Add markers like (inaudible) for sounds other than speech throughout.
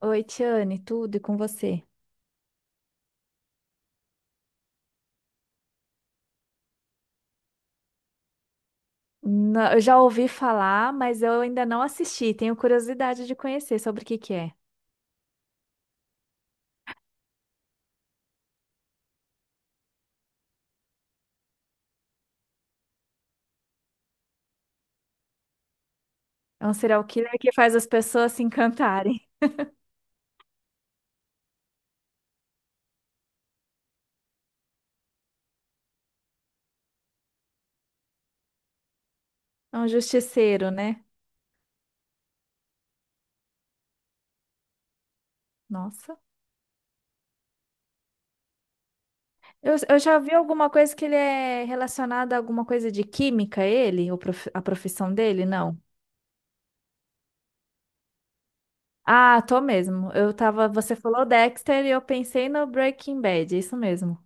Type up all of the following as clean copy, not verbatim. Oi, Tiane, tudo e com você? Não, eu já ouvi falar, mas eu ainda não assisti. Tenho curiosidade de conhecer sobre o que que é. É um serial killer que faz as pessoas se encantarem. (laughs) É um justiceiro, né? Nossa. Eu já vi alguma coisa que ele é relacionado a alguma coisa de química, ele? Ou a profissão dele? Não. Ah, tô mesmo. Eu tava. Você falou Dexter e eu pensei no Breaking Bad, é isso mesmo.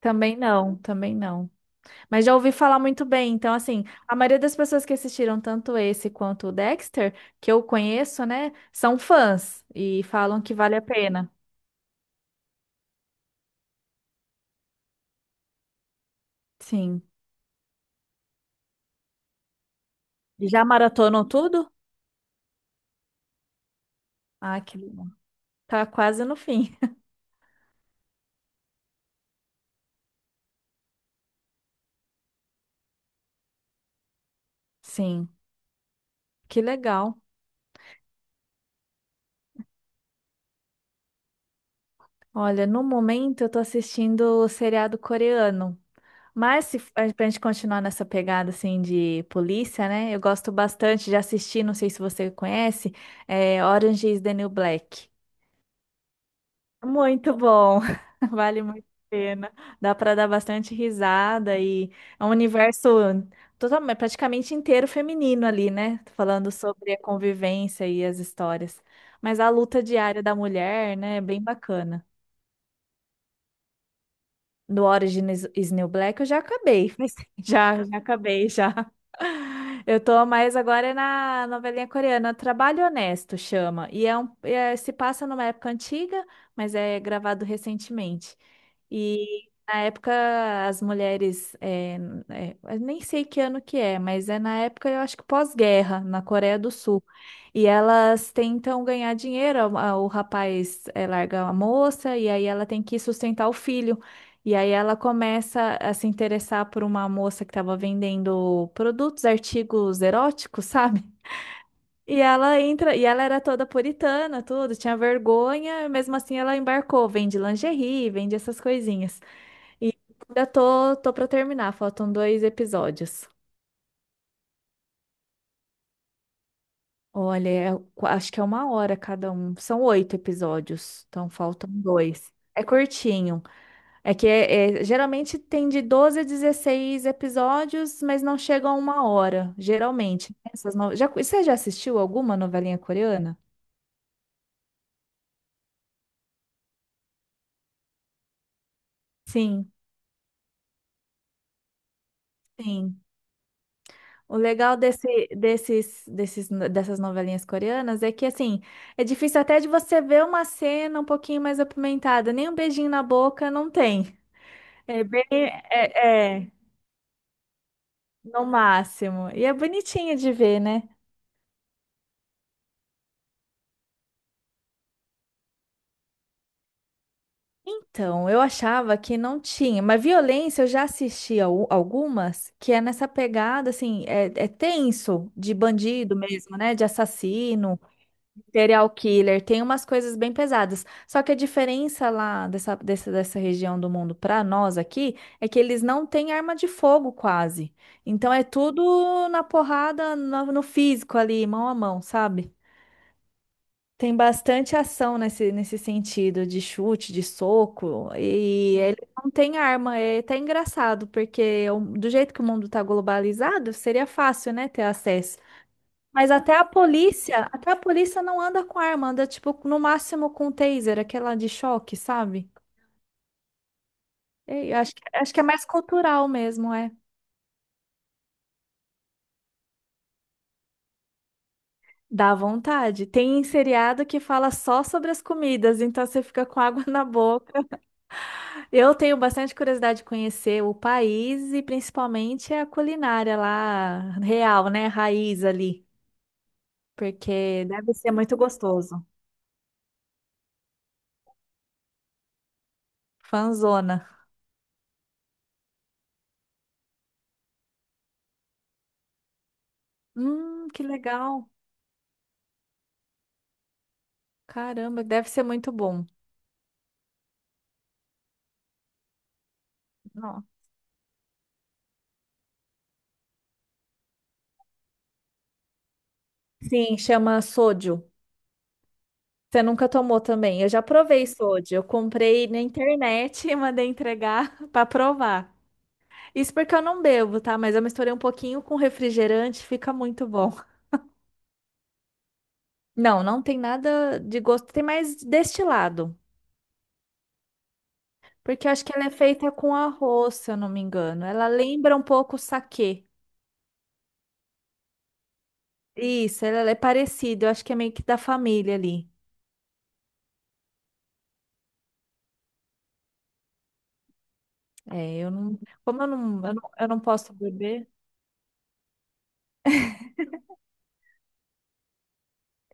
Também não, também não. Mas já ouvi falar muito bem. Então, assim, a maioria das pessoas que assistiram tanto esse quanto o Dexter, que eu conheço, né, são fãs e falam que vale a pena. Sim. E já maratonou tudo? Ah, que legal. Tá quase no fim. (laughs) Sim, que legal. Olha, no momento eu tô assistindo o seriado coreano. Mas se a- pra gente continuar nessa pegada assim de polícia, né? Eu gosto bastante de assistir, não sei se você conhece, é Orange is the New Black. Muito bom, (laughs) vale muito a pena. Dá para dar bastante risada e é um universo totalmente, praticamente inteiro feminino ali, né? Falando sobre a convivência e as histórias. Mas a luta diária da mulher, né, é bem bacana. Do Origin is New Black eu já acabei. (laughs) Já, já acabei, já. Eu tô mais agora é na novelinha coreana, Trabalho Honesto chama. E se passa numa época antiga, mas é gravado recentemente. E na época as mulheres, eu nem sei que ano que é, mas é na época eu acho que pós-guerra, na Coreia do Sul. E elas tentam ganhar dinheiro, o rapaz larga a moça e aí ela tem que sustentar o filho. E aí ela começa a se interessar por uma moça que estava vendendo produtos, artigos eróticos, sabe? E ela entra, e ela era toda puritana, tudo, tinha vergonha, mesmo assim ela embarcou, vende lingerie, vende essas coisinhas. E ainda tô para terminar, faltam dois episódios. Olha, acho que é uma hora cada um, são oito episódios, então faltam dois. É curtinho. É que é geralmente tem de 12 a 16 episódios, mas não chega a uma hora, geralmente. Essas no... já, você já assistiu alguma novelinha coreana? Sim, sim. O legal dessas novelinhas coreanas é que, assim, é difícil até de você ver uma cena um pouquinho mais apimentada. Nem um beijinho na boca não tem. É bem, no máximo. E é bonitinho de ver, né? Então, eu achava que não tinha, mas violência eu já assisti algumas que é nessa pegada, assim, é tenso, de bandido mesmo, né? De assassino, serial killer, tem umas coisas bem pesadas. Só que a diferença lá dessa região do mundo para nós aqui é que eles não têm arma de fogo quase. Então é tudo na porrada, no físico ali, mão a mão, sabe? Tem bastante ação nesse sentido de chute, de soco, e ele não tem arma. É até engraçado, porque do jeito que o mundo tá globalizado, seria fácil, né, ter acesso. Mas até a polícia não anda com arma, anda tipo no máximo com taser, aquela de choque, sabe? E eu acho que é mais cultural mesmo, é. Dá vontade. Tem seriado que fala só sobre as comidas, então você fica com água (laughs) na boca. Eu tenho bastante curiosidade de conhecer o país e principalmente a culinária lá, real, né? Raiz ali, porque deve ser muito gostoso. Fanzona. Que legal. Caramba, deve ser muito bom. Não. Sim, chama sodio. Você nunca tomou também? Eu já provei sodio. Eu comprei na internet e mandei entregar (laughs) para provar. Isso porque eu não bebo, tá? Mas eu misturei um pouquinho com refrigerante, fica muito bom. Não, não tem nada de gosto, tem mais destilado. Porque eu acho que ela é feita com arroz, se eu não me engano. Ela lembra um pouco o saquê. Isso, ela é parecida, eu acho que é meio que da família ali. É, eu não. Como eu não posso beber.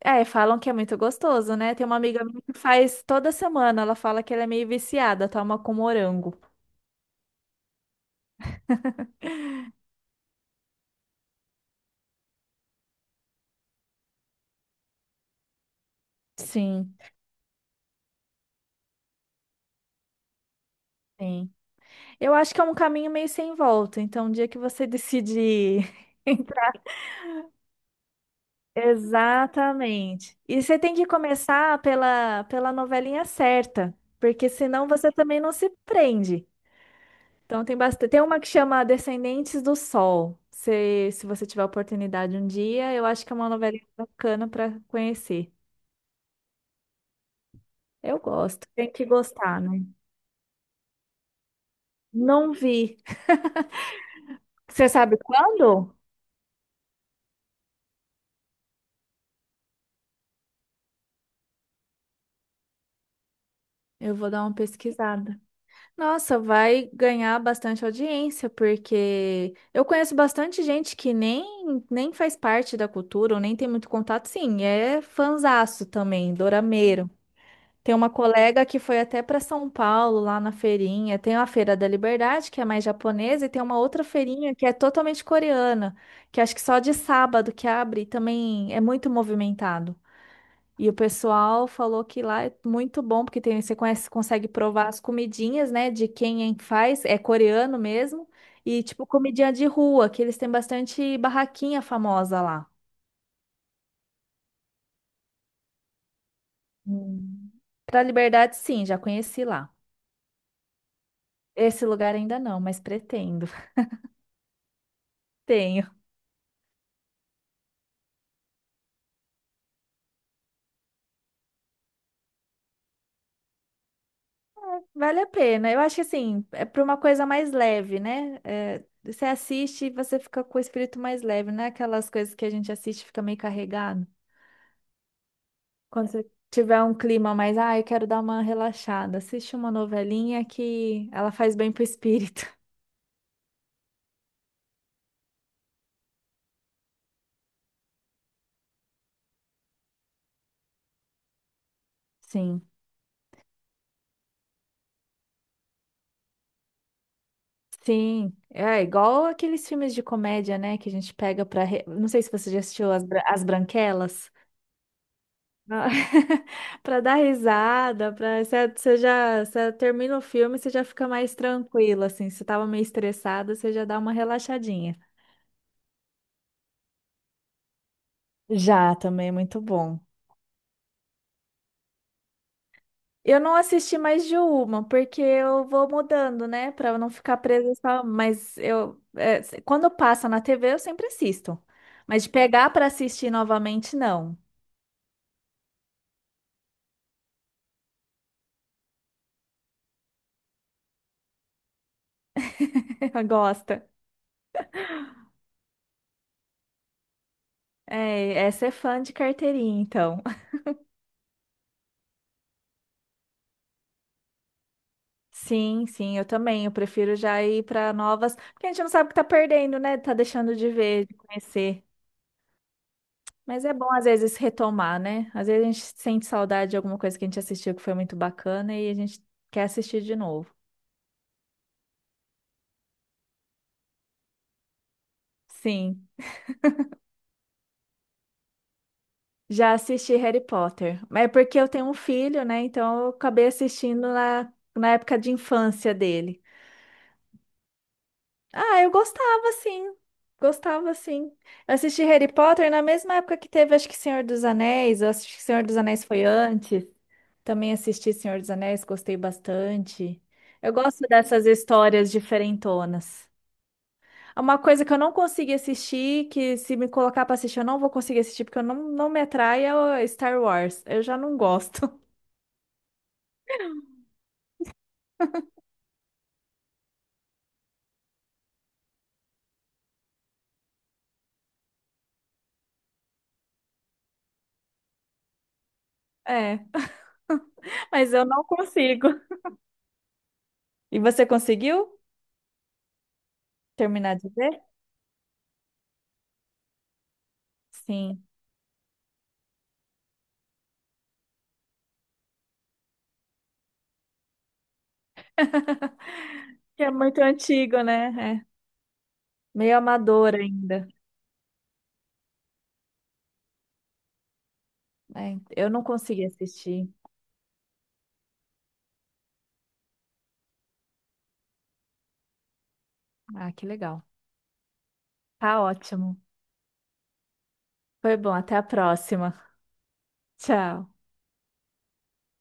É, falam que é muito gostoso, né? Tem uma amiga minha que faz toda semana, ela fala que ela é meio viciada, toma com morango. Sim, sim. Eu acho que é um caminho meio sem volta. Então, o dia que você decidir. (laughs) Exatamente. E você tem que começar pela novelinha certa, porque senão você também não se prende. Então tem bastante, tem uma que chama Descendentes do Sol. Se você tiver oportunidade um dia, eu acho que é uma novelinha bacana para conhecer. Eu gosto, tem que gostar, né? Não vi. Você sabe quando? Eu vou dar uma pesquisada. Nossa, vai ganhar bastante audiência, porque eu conheço bastante gente que nem faz parte da cultura, ou nem tem muito contato, sim, é fanzaço também, dorameiro. Tem uma colega que foi até para São Paulo, lá na feirinha. Tem a Feira da Liberdade, que é mais japonesa, e tem uma outra feirinha que é totalmente coreana, que acho que só de sábado que abre e também é muito movimentado. E o pessoal falou que lá é muito bom, porque tem, você conhece, consegue provar as comidinhas, né? De quem faz, é coreano mesmo. E tipo, comidinha de rua, que eles têm bastante barraquinha famosa lá. Hum. Pra Liberdade, sim, já conheci lá. Esse lugar ainda não, mas pretendo. (laughs) Tenho. Vale a pena. Eu acho que assim, é para uma coisa mais leve, né? É, você assiste e você fica com o espírito mais leve, não é aquelas coisas que a gente assiste e fica meio carregado. Quando você tiver um clima mais, ah, eu quero dar uma relaxada, assiste uma novelinha que ela faz bem pro espírito. (laughs) Sim. Sim, é igual aqueles filmes de comédia, né, que a gente pega para, não sei se você já assistiu As Branquelas, para (laughs) dar risada, para você, você termina o filme, você já fica mais tranquila assim, se você tava meio estressada, você já dá uma relaxadinha. Já, também é muito bom. Eu não assisti mais de uma, porque eu vou mudando, né? Pra eu não ficar presa só. Mas eu, quando passa na TV, eu sempre assisto. Mas de pegar pra assistir novamente, não. (laughs) Gosta. É, essa é fã de carteirinha, então. (laughs) Sim, sim, eu também. Eu prefiro já ir pra novas. Porque a gente não sabe o que tá perdendo, né? Tá deixando de ver, de conhecer. Mas é bom, às vezes, retomar, né? Às vezes a gente sente saudade de alguma coisa que a gente assistiu que foi muito bacana e a gente quer assistir de novo. Sim, já assisti Harry Potter. Mas é porque eu tenho um filho, né? Então eu acabei assistindo na época de infância dele. Ah, eu gostava, sim. Gostava, sim. Eu assisti Harry Potter na mesma época que teve, acho que Senhor dos Anéis. Eu assisti que Senhor dos Anéis foi antes. Também assisti Senhor dos Anéis, gostei bastante. Eu gosto dessas histórias diferentonas. É uma coisa que eu não consegui assistir, que se me colocar pra assistir, eu não vou conseguir assistir, porque eu não me atrai, é o Star Wars. Eu já não gosto. (laughs) É, mas eu não consigo. E você conseguiu terminar de ver? Sim. Que é muito antigo, né? É. Meio amador ainda. É, eu não consegui assistir. Ah, que legal. Tá ótimo. Foi bom. Até a próxima. Tchau.